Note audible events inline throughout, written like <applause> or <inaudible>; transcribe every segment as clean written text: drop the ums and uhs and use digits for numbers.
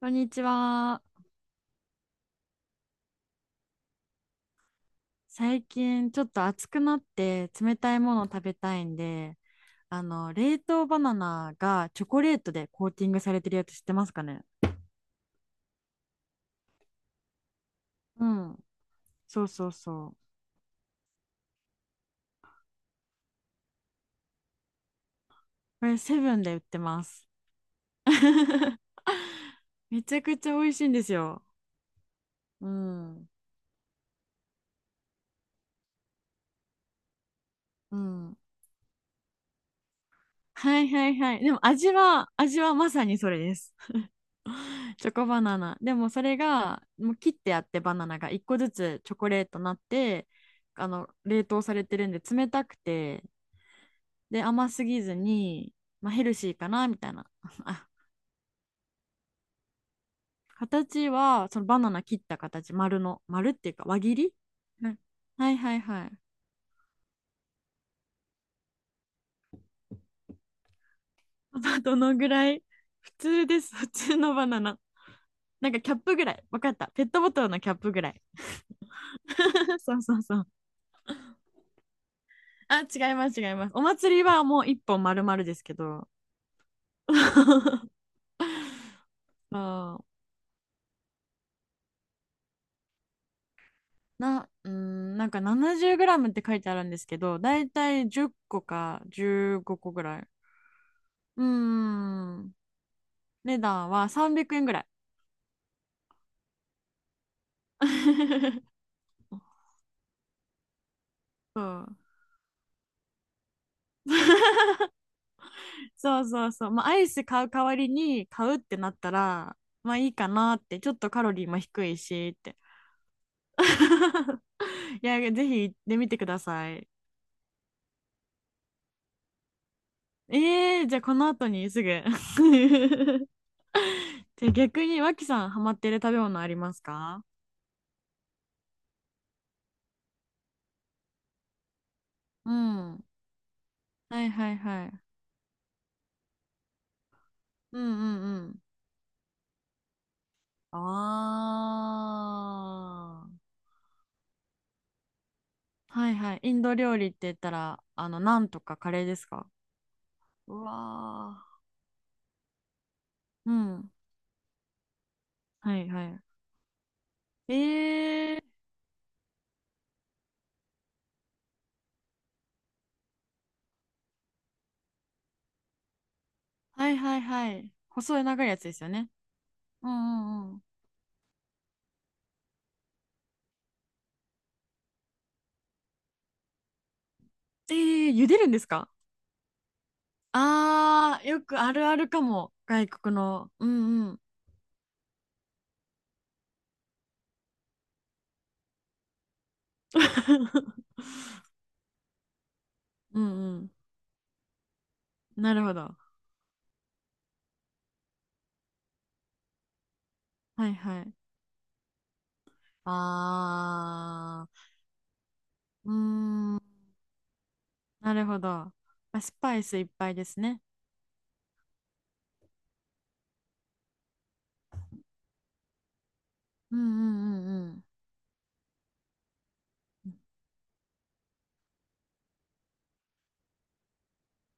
こんにちは。最近ちょっと暑くなって冷たいものを食べたいんで、冷凍バナナがチョコレートでコーティングされてるやつ知ってますかね？うん。そうそうそう。これセブンで売ってます。<laughs> めちゃくちゃ美味しいんですよ。うん。うん。はいはいはい。でも味はまさにそれです。チョコバナナ。でもそれが、もう切ってあってバナナが一個ずつチョコレートになって、冷凍されてるんで冷たくて、で、甘すぎずに、まあ、ヘルシーかな、みたいな。<laughs> あ、形は、そのバナナ切った形、丸っていうか輪切り。うん。はいはいはい。まあどのぐらい、普通です、普通のバナナ。なんかキャップぐらい。わかった。ペットボトルのキャップぐらい。<laughs> そうそうそう。あ、違います違います。お祭りはもう一本丸々ですけど。<laughs> そうなんか7 0ムって書いてあるんですけど、だいたい10個か15個ぐらい。うーん。値段は300円ぐらい。<laughs> そう。そうそうそう。まあ、アイス買う代わりに買うってなったら、まあいいかなって、ちょっとカロリーも低いしって。<laughs> いや、ぜひ行ってみてください。えー、じゃあこの後にすぐ。<laughs> じゃあ逆に脇さんハマってる食べ物ありますか？うん。はいはいはい。うんうんうん。あー。はいはい。インド料理って言ったら、あの、ナンとかカレーですか？うわー、うん。はいはい。えー。はいはいはい。細い長いやつですよね。うんうんうん。えー、茹でるんですか？あー、よくあるあるかも。外国の。うんうん。<laughs> うんうん。<laughs> なるほど。はいはい。あー、うーん、なるほど。まあスパイスいっぱいですね。うんうんうんうん。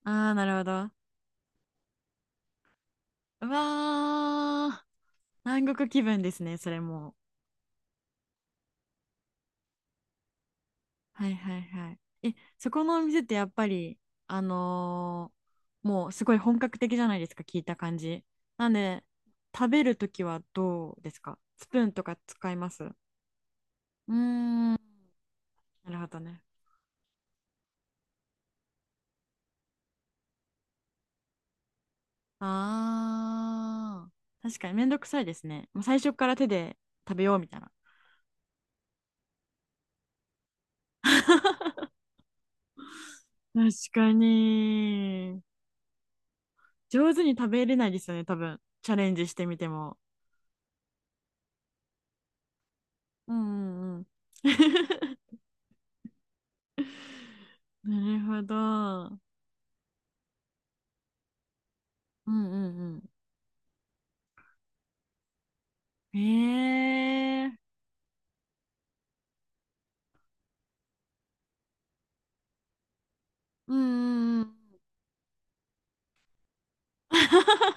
ああ、なるほど。うわー、南国気分ですね、それも。はいはいはい。え、そこのお店ってやっぱり、あのー、もうすごい本格的じゃないですか、聞いた感じ。なんで、食べるときはどうですか？スプーンとか使います？うーん、なるほどね。あー、確かにめんどくさいですね。もう最初から手で食べようみたいな。確かに。上手に食べれないですよね、多分。チャレンジしてみても。うんうんうん。<laughs> なるほど。うんうんうん。ええ、うんうんうん。<laughs>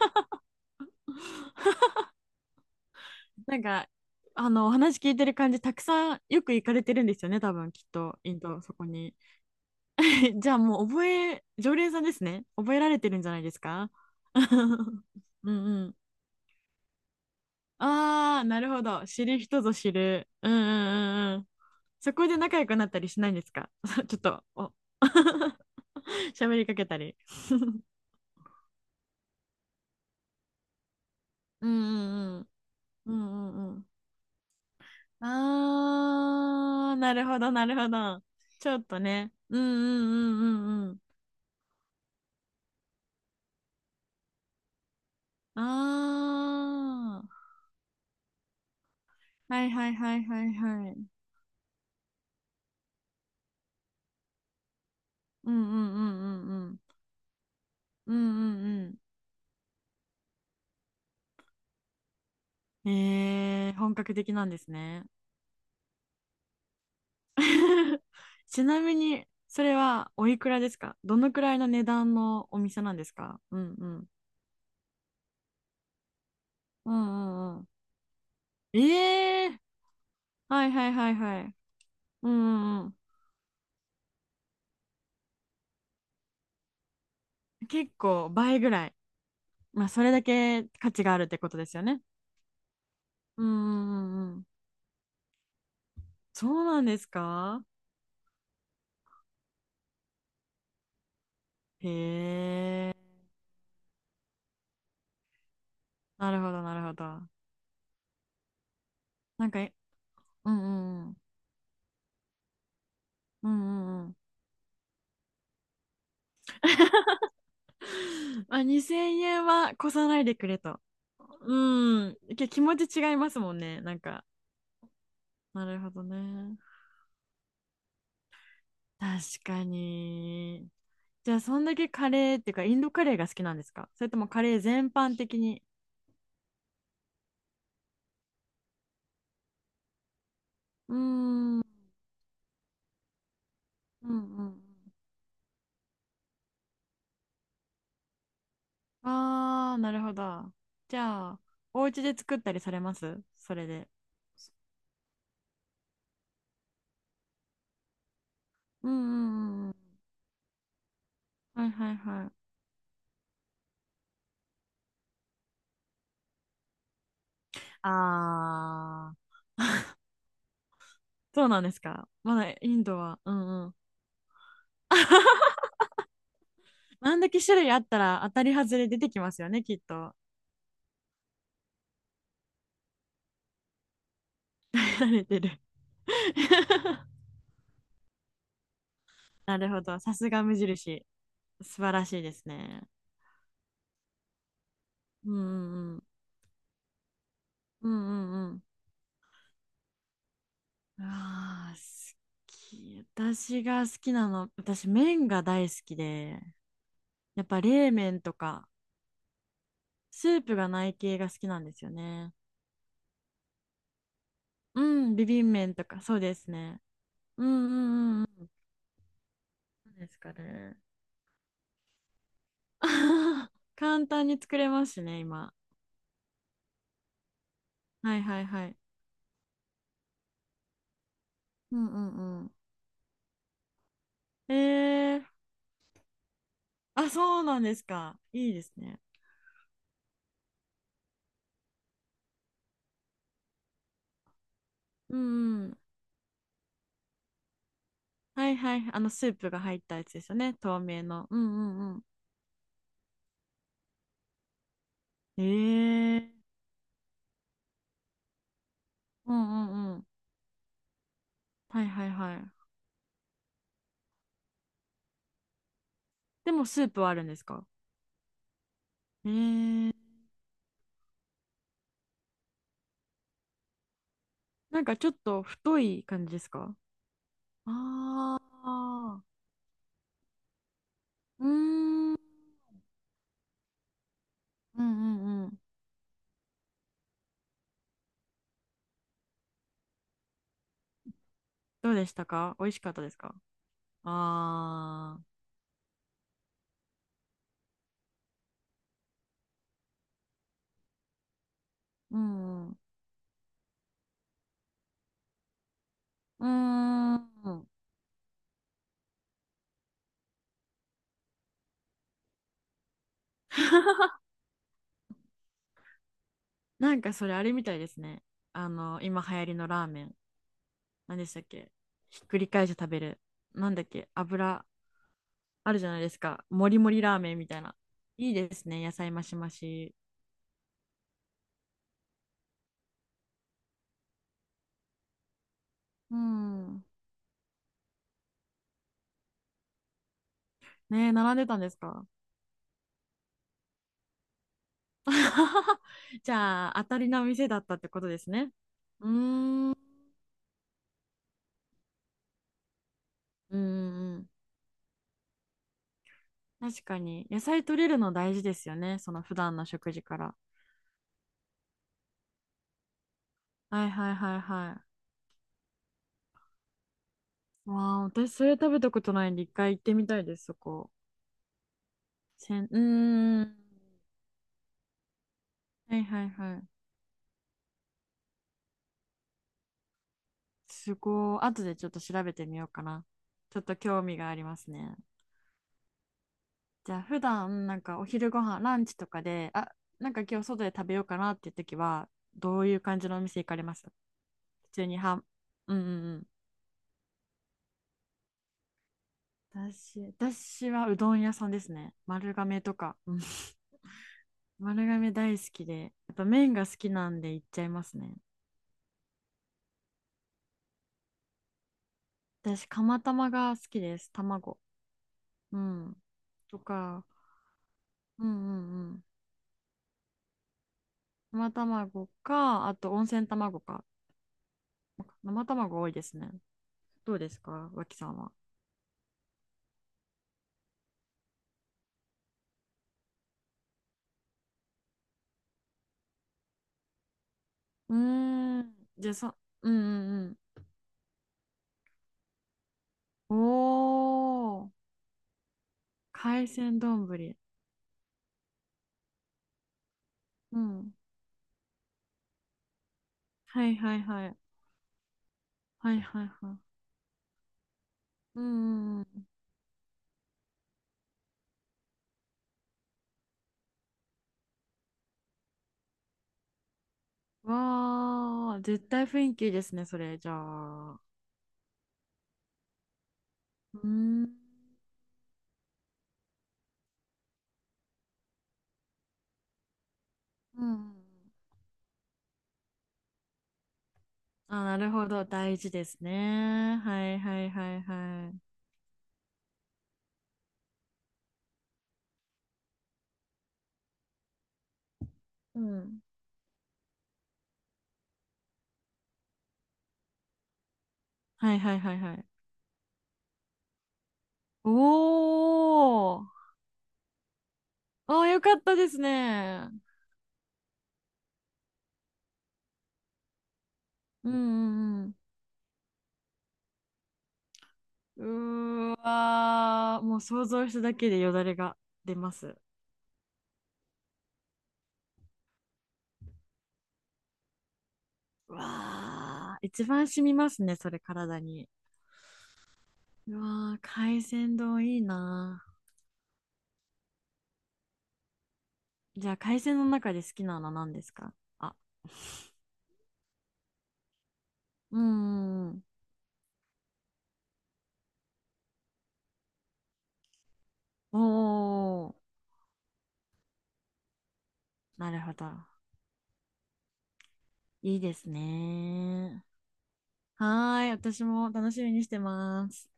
なんか、あの、お話聞いてる感じ、たくさんよく行かれてるんですよね、多分、きっと、インド、そこに。え、じゃあもう覚え、常連さんですね。覚えられてるんじゃないですか？ <laughs> うんうん。ああ、なるほど。知る人ぞ知る。うんうんうんうん。そこで仲良くなったりしないんですか？ <laughs> ちょっと、お。 <laughs> 喋りかけたり。うんうんうん。うんうんうん。ああ、なるほどなるほど。ちょっとね。うんうんうんうんうん。ああ、はいはいはいはいはい。うんうんうんうんうん。うんうんうん。えー、本格的なんですね。<laughs> ちなみに、それはおいくらですか？どのくらいの値段のお店なんですか？うんうん。うんうんうん。ええ、はいはいはいはい。うんうんうん。結構倍ぐらい。まあ、それだけ価値があるってことですよね。うんうんうんうん。そうなんですか？へえ。なるほどなるほど。なんか、え、うんうんうん。うんうんうん。<laughs> まあ、2000円は越さないでくれと。うん。け、気持ち違いますもんね。なんか、なるほどね。確かに。じゃあ、そんだけカレーっていうか、インドカレーが好きなんですか？それともカレー全般的に。うーん、うんうん、ああ、なるほど。じゃあ、お家で作ったりされます？それで。うんうんうんうん。はいはいはい。ああ、そうなんですか。まだインドは。うんうん。<laughs> あんだけ種類あったら当たり外れ出てきますよね、きっと。<laughs> 慣れてる。<laughs> なるほど。さすが無印。素晴らしいですね。うんうんうん。うんうんうん。ああ、好き。私麺が大好きで、やっぱ冷麺とか、スープがない系が好きなんですよね。うん、ビビン麺とか、そうですね。うんうんうんうん。何ですかね。<laughs> 簡単に作れますしね、今。はいはいはい。うんうんうん。えー、あ、そうなんですか。いいですね。うんうん、はいはい。あの、スープが入ったやつですよね。透明の。うんうんうん。ええ、うんうんうん。はいはいはい。でも、スープはあるんですか？ええ、なんかちょっと太い感じですか？ああー。うーん。うんうんうん。どうでしたか？美味しかったですか？ああー。うんうん。うーん。<laughs> なんかそれあれみたいですね。あの、今流行りのラーメン。何でしたっけ、ひっくり返して食べる。なんだっけ油、あるじゃないですか。もりもりラーメンみたいな。いいですね。野菜増し増し。うん。ねえ、並んでたんですか？ <laughs> じゃあ、当たりな店だったってことですね。うーん。うんうん。確かに。野菜取れるの大事ですよね。その普段の食事から。はいはいはいはい。わあ、私それ食べたことないんで、一回行ってみたいです、そこ。せん、うーん。はいはいはい。すごい。後でちょっと調べてみようかな。ちょっと興味がありますね。じゃあ普段なんかお昼ご飯ランチとかで、あ、なんか今日外で食べようかなっていう時は、どういう感じのお店行かれます？普通にはん、うんうんうん。私はうどん屋さんですね。丸亀とか。うん。 <laughs> 丸亀大好きで、やっぱ麺が好きなんで行っちゃいますね。私、釜玉が好きです。卵。うん。とか、うんうんうん。生卵か、あと温泉卵か。生卵多いですね。どうですか、脇さんは。うーん。じゃあ、そ、うんうんうん。おー。海鮮丼。ぶり、うん。はいはいはい。はいはいはい。うんうんうん。わー。絶対雰囲気いいですね、それ。じゃあ。うーん。うん。あ、なるほど。大事ですね。はいはいはいはい。うん。はいはいはいはい。おー。あー、よかったですね。うんうんうん。うーわー、もう想像しただけでよだれが出ます。うわー、一番染みますね、それ体に。うわー、海鮮丼いいなー。じゃあ、海鮮の中で好きなの何ですか？あ、うーん。おー、なるほど。いいですね。はーい、私も楽しみにしてます。